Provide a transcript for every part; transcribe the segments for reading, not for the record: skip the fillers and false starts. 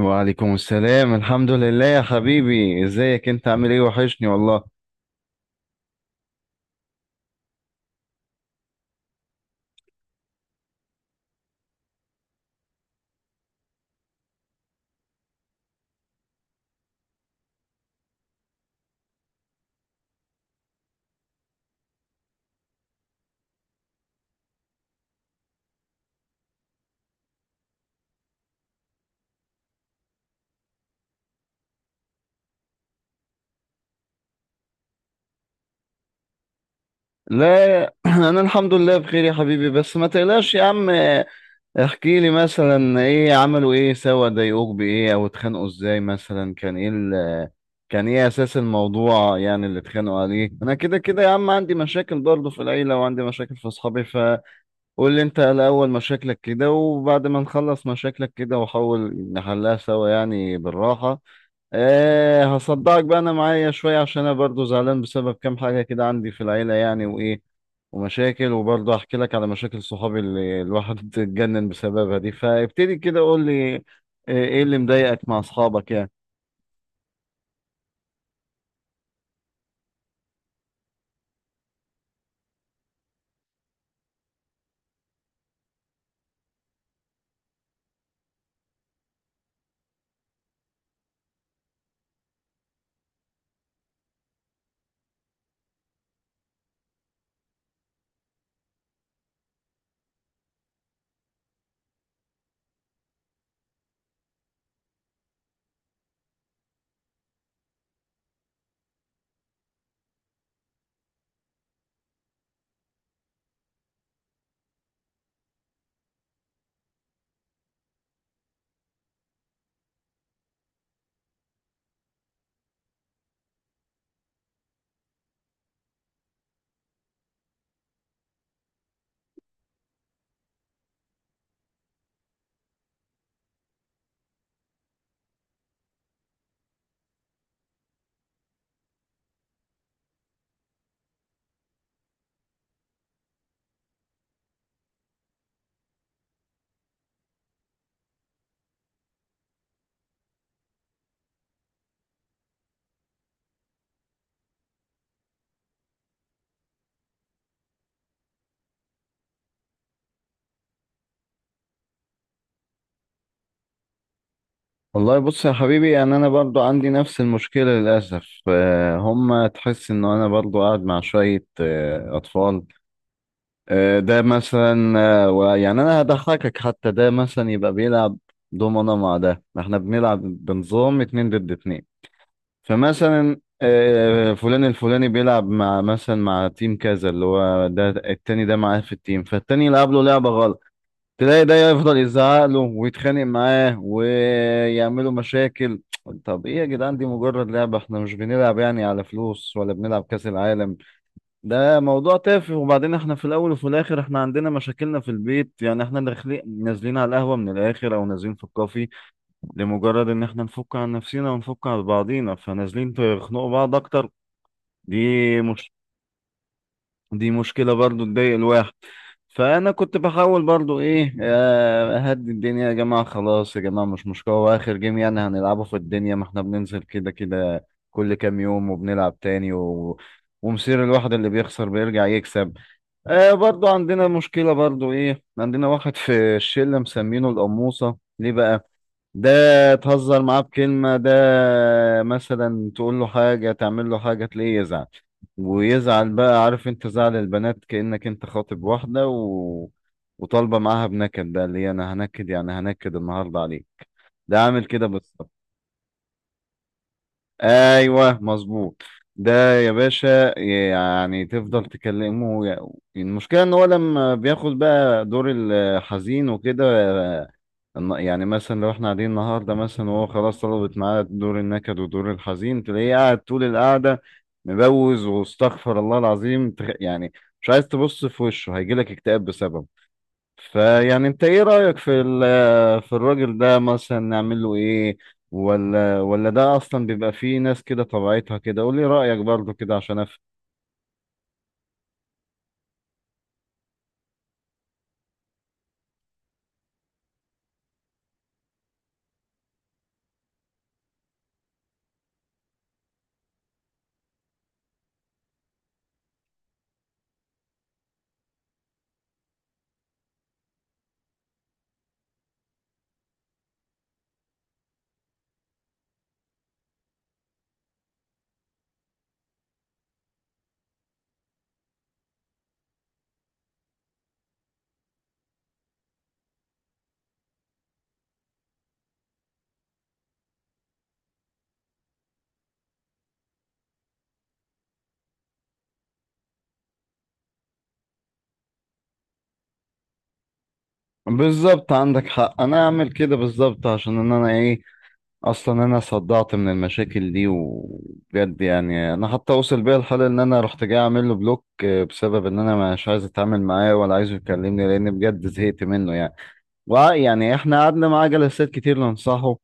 وعليكم السلام، الحمد لله يا حبيبي، ازيك انت؟ عامل ايه؟ وحشني والله. لا، انا الحمد لله بخير يا حبيبي، بس ما تقلقش يا عم. احكي لي مثلا، ايه عملوا؟ ايه سوا؟ ضايقوك بايه؟ او اتخانقوا ازاي؟ مثلا كان ايه كان ايه اساس الموضوع يعني، اللي اتخانقوا عليه؟ انا كده كده يا عم عندي مشاكل برضه في العيلة، وعندي مشاكل في اصحابي، فقول لي انت الاول مشاكلك كده، وبعد ما نخلص مشاكلك كده وحاول نحلها سوا يعني بالراحة. ايه هصدقك بقى، انا معايا شوية عشان انا برضو زعلان بسبب كام حاجة كده عندي في العيلة يعني، وايه ومشاكل. وبرضه احكي لك على مشاكل صحابي اللي الواحد اتجنن بسببها دي، فابتدي كده قول لي إيه اللي مضايقك مع اصحابك يعني. والله بص يا حبيبي، يعني انا برضو عندي نفس المشكلة للاسف. هم تحس ان انا برضو قاعد مع شوية اطفال. ده مثلا يعني انا هضحكك، حتى ده مثلا يبقى بيلعب دومنا مع ده، احنا بنلعب بنظام اتنين ضد اتنين. فمثلا فلان الفلاني بيلعب مع مثلا مع تيم كذا، اللي هو ده التاني ده معاه في التيم، فالتاني يلعب له لعبة غلط، تلاقي ده يفضل يزعق له ويتخانق معاه ويعملوا مشاكل. طب ايه يا جدعان، دي مجرد لعبة، احنا مش بنلعب يعني على فلوس ولا بنلعب كأس العالم. ده موضوع تافه، وبعدين احنا في الاول وفي الاخر احنا عندنا مشاكلنا في البيت، يعني احنا داخلين نازلين على القهوه من الاخر او نازلين في الكافي لمجرد ان احنا نفك عن نفسنا ونفك عن بعضينا، فنازلين تخنقوا بعض اكتر. دي مش دي مشكله برضو تضايق الواحد. فانا كنت بحاول برضو ايه، اهدي الدنيا، يا جماعه خلاص يا جماعه مش مشكله، واخر جيم يعني هنلعبه في الدنيا، ما احنا بننزل كده كده كل كام يوم وبنلعب تاني ومصير الواحد اللي بيخسر بيرجع يكسب. برضو عندنا مشكلة، برضو ايه، عندنا واحد في الشلة مسمينه القموصة. ليه بقى؟ ده تهزر معاه بكلمة، ده مثلا تقول له حاجة، تعمل له حاجة، تلاقيه يزعل، ويزعل بقى، عارف انت زعل البنات، كأنك انت خاطب واحدة وطالبة معاها بنكد، بقى اللي هي انا هنكد يعني، هنكد النهاردة عليك. ده عامل كده بس. ايوه مظبوط. ده يا باشا يعني تفضل تكلمه. المشكله ان هو لما بياخد بقى دور الحزين وكده، يعني مثلا لو احنا قاعدين النهارده مثلا، وهو خلاص طلبت معاه دور النكد ودور الحزين، تلاقيه قاعد طول القعده مبوز، واستغفر الله العظيم يعني، مش عايز تبص في وشه، هيجيلك اكتئاب بسببه. فيعني انت ايه رأيك في في الراجل ده، مثلا نعمل له ايه؟ ولا ده اصلا بيبقى فيه ناس كده طبيعتها كده؟ قول لي رأيك برضو كده عشان افهم. بالظبط عندك حق، انا اعمل كده بالظبط، عشان ان انا ايه، اصلا انا صدعت من المشاكل دي وبجد، يعني انا حتى وصل بيا الحال ان انا رحت جاي اعمل له بلوك، بسبب ان انا مش عايز اتعامل معاه ولا عايزه يكلمني، لان بجد زهقت منه يعني. يعني احنا قعدنا معاه جلسات كتير ننصحه،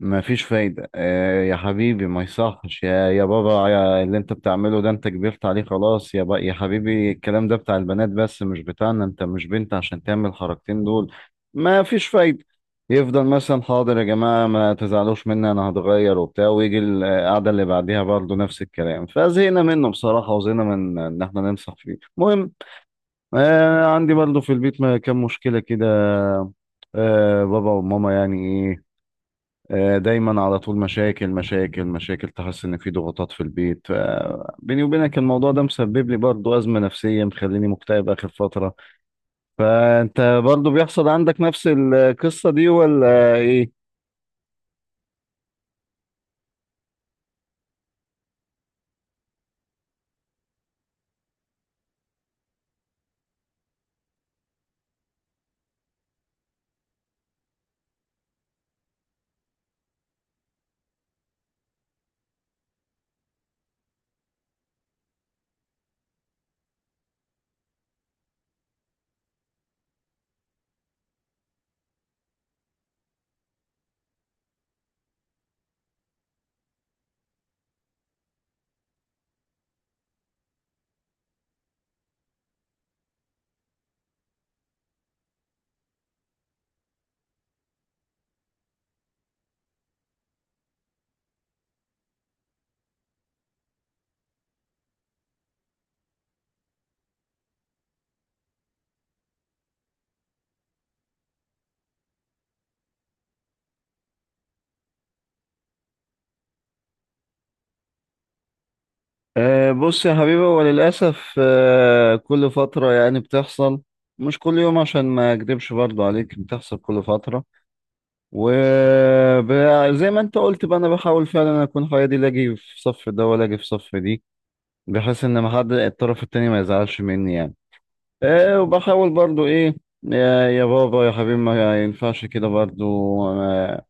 ما فيش فايدة. يا حبيبي ما يصحش يا بابا، يا اللي انت بتعمله ده انت كبرت عليه، خلاص يا بقى يا حبيبي، الكلام ده بتاع البنات بس مش بتاعنا، انت مش بنت عشان تعمل الحركتين دول. ما فيش فايدة. يفضل مثلا حاضر يا جماعة ما تزعلوش مني انا هتغير وبتاع، ويجي القعدة اللي بعديها برضه نفس الكلام، فزهقنا منه بصراحة، وزهقنا من ان احنا ننصح فيه. المهم، عندي برضه في البيت كام مشكلة كده. بابا وماما يعني إيه، دايما على طول مشاكل مشاكل مشاكل، تحس ان في ضغوطات في البيت. بيني وبينك الموضوع ده مسبب لي برضو ازمه نفسيه، مخليني مكتئب اخر فتره. فانت برضو بيحصل عندك نفس القصه دي، ولا ايه؟ بص يا حبيبي، هو للاسف كل فتره يعني بتحصل، مش كل يوم عشان ما اكدبش برضو عليك، بتحصل كل فتره. وزي ما انت قلت بقى، انا بحاول فعلا اكون حيادي، لا اجي في صف ده ولا اجي في صف دي، بحيث ان ما حد الطرف التاني ما يزعلش مني يعني. إيه، وبحاول برضو ايه، يا بابا يا حبيبي ما ينفعش كده برضو، آه،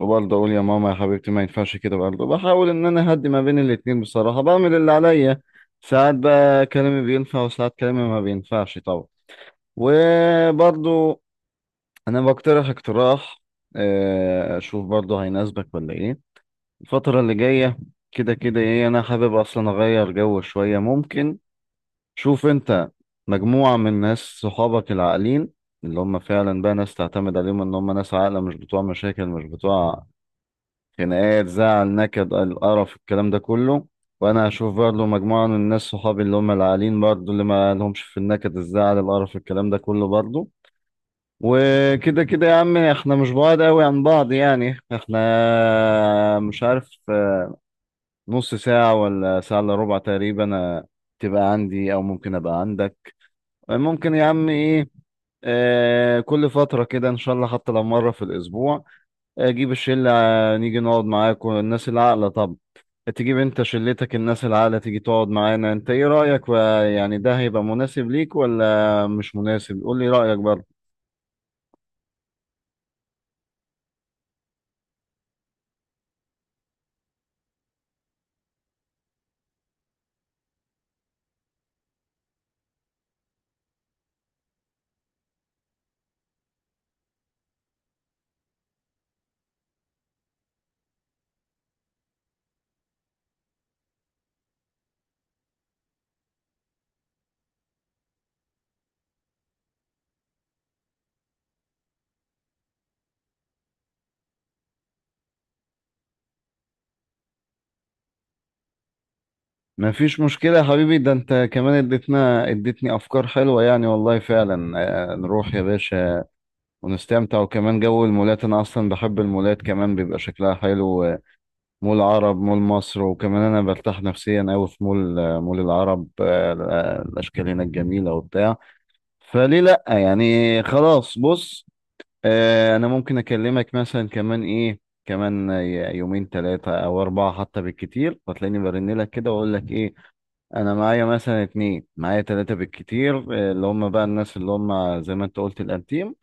وبرضو اقول يا ماما يا حبيبتي ما ينفعش كده برضو، بحاول ان انا اهدي ما بين الاتنين، بصراحة بعمل اللي عليا. ساعات بقى كلامي بينفع وساعات كلامي ما بينفعش طبعا. وبرضو انا بقترح اقتراح، اشوف برضو هيناسبك ولا ايه. الفترة اللي جاية كده كده ايه، انا حابب اصلا اغير جو شوية. ممكن شوف انت مجموعة من ناس صحابك العاقلين، اللي هم فعلا بقى ناس تعتمد عليهم، ان هم ناس عاقلة مش بتوع مشاكل، مش بتوع خناقات، زعل، نكد، القرف، الكلام ده كله. وانا هشوف برضه مجموعة من الناس صحابي اللي هم العاقلين برضه، اللي ما لهمش في النكد الزعل القرف الكلام ده كله برضه. وكده كده يا عم احنا مش بعاد قوي عن بعض يعني، احنا مش عارف، نص ساعة ولا ساعة الا ربع تقريبا، تبقى عندي او ممكن ابقى عندك. ممكن يا عم ايه، كل فترة كده ان شاء الله، حتى لو مرة في الاسبوع اجيب الشلة، نيجي نقعد معاكم الناس العاقلة، طب تجيب انت شلتك الناس العاقلة تيجي تقعد معانا، انت ايه رأيك يعني ده هيبقى مناسب ليك ولا مش مناسب؟ قول لي رأيك برضه. مفيش مشكلة يا حبيبي، ده انت كمان اديتني افكار حلوة يعني والله فعلا. نروح يا باشا ونستمتع، وكمان جو المولات انا اصلا بحب المولات، كمان بيبقى شكلها حلو، مول عرب، مول مصر، وكمان انا برتاح نفسيا قوي في مول، مول العرب، الاشكال هناك جميله وبتاع، فليه لا يعني. خلاص بص، انا ممكن اكلمك مثلا كمان ايه، كمان يومين 3 أو 4 حتى بالكتير، فتلاقيني برن لك كده واقول لك ايه، انا معايا مثلا اتنين، معايا ثلاثه بالكتير، اللي هم بقى الناس اللي هم زي ما انت قلت الانتيم،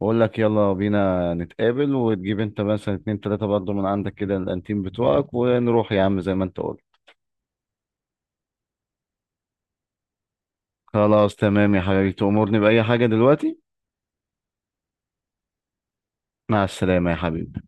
بقول لك يلا بينا نتقابل، وتجيب انت مثلا 2 أو 3 برضه من عندك كده الانتيم بتوعك، ونروح يا عم زي ما انت قلت. خلاص تمام يا حبيبي، تأمرني بأي حاجة دلوقتي. مع السلامة يا حبيبي.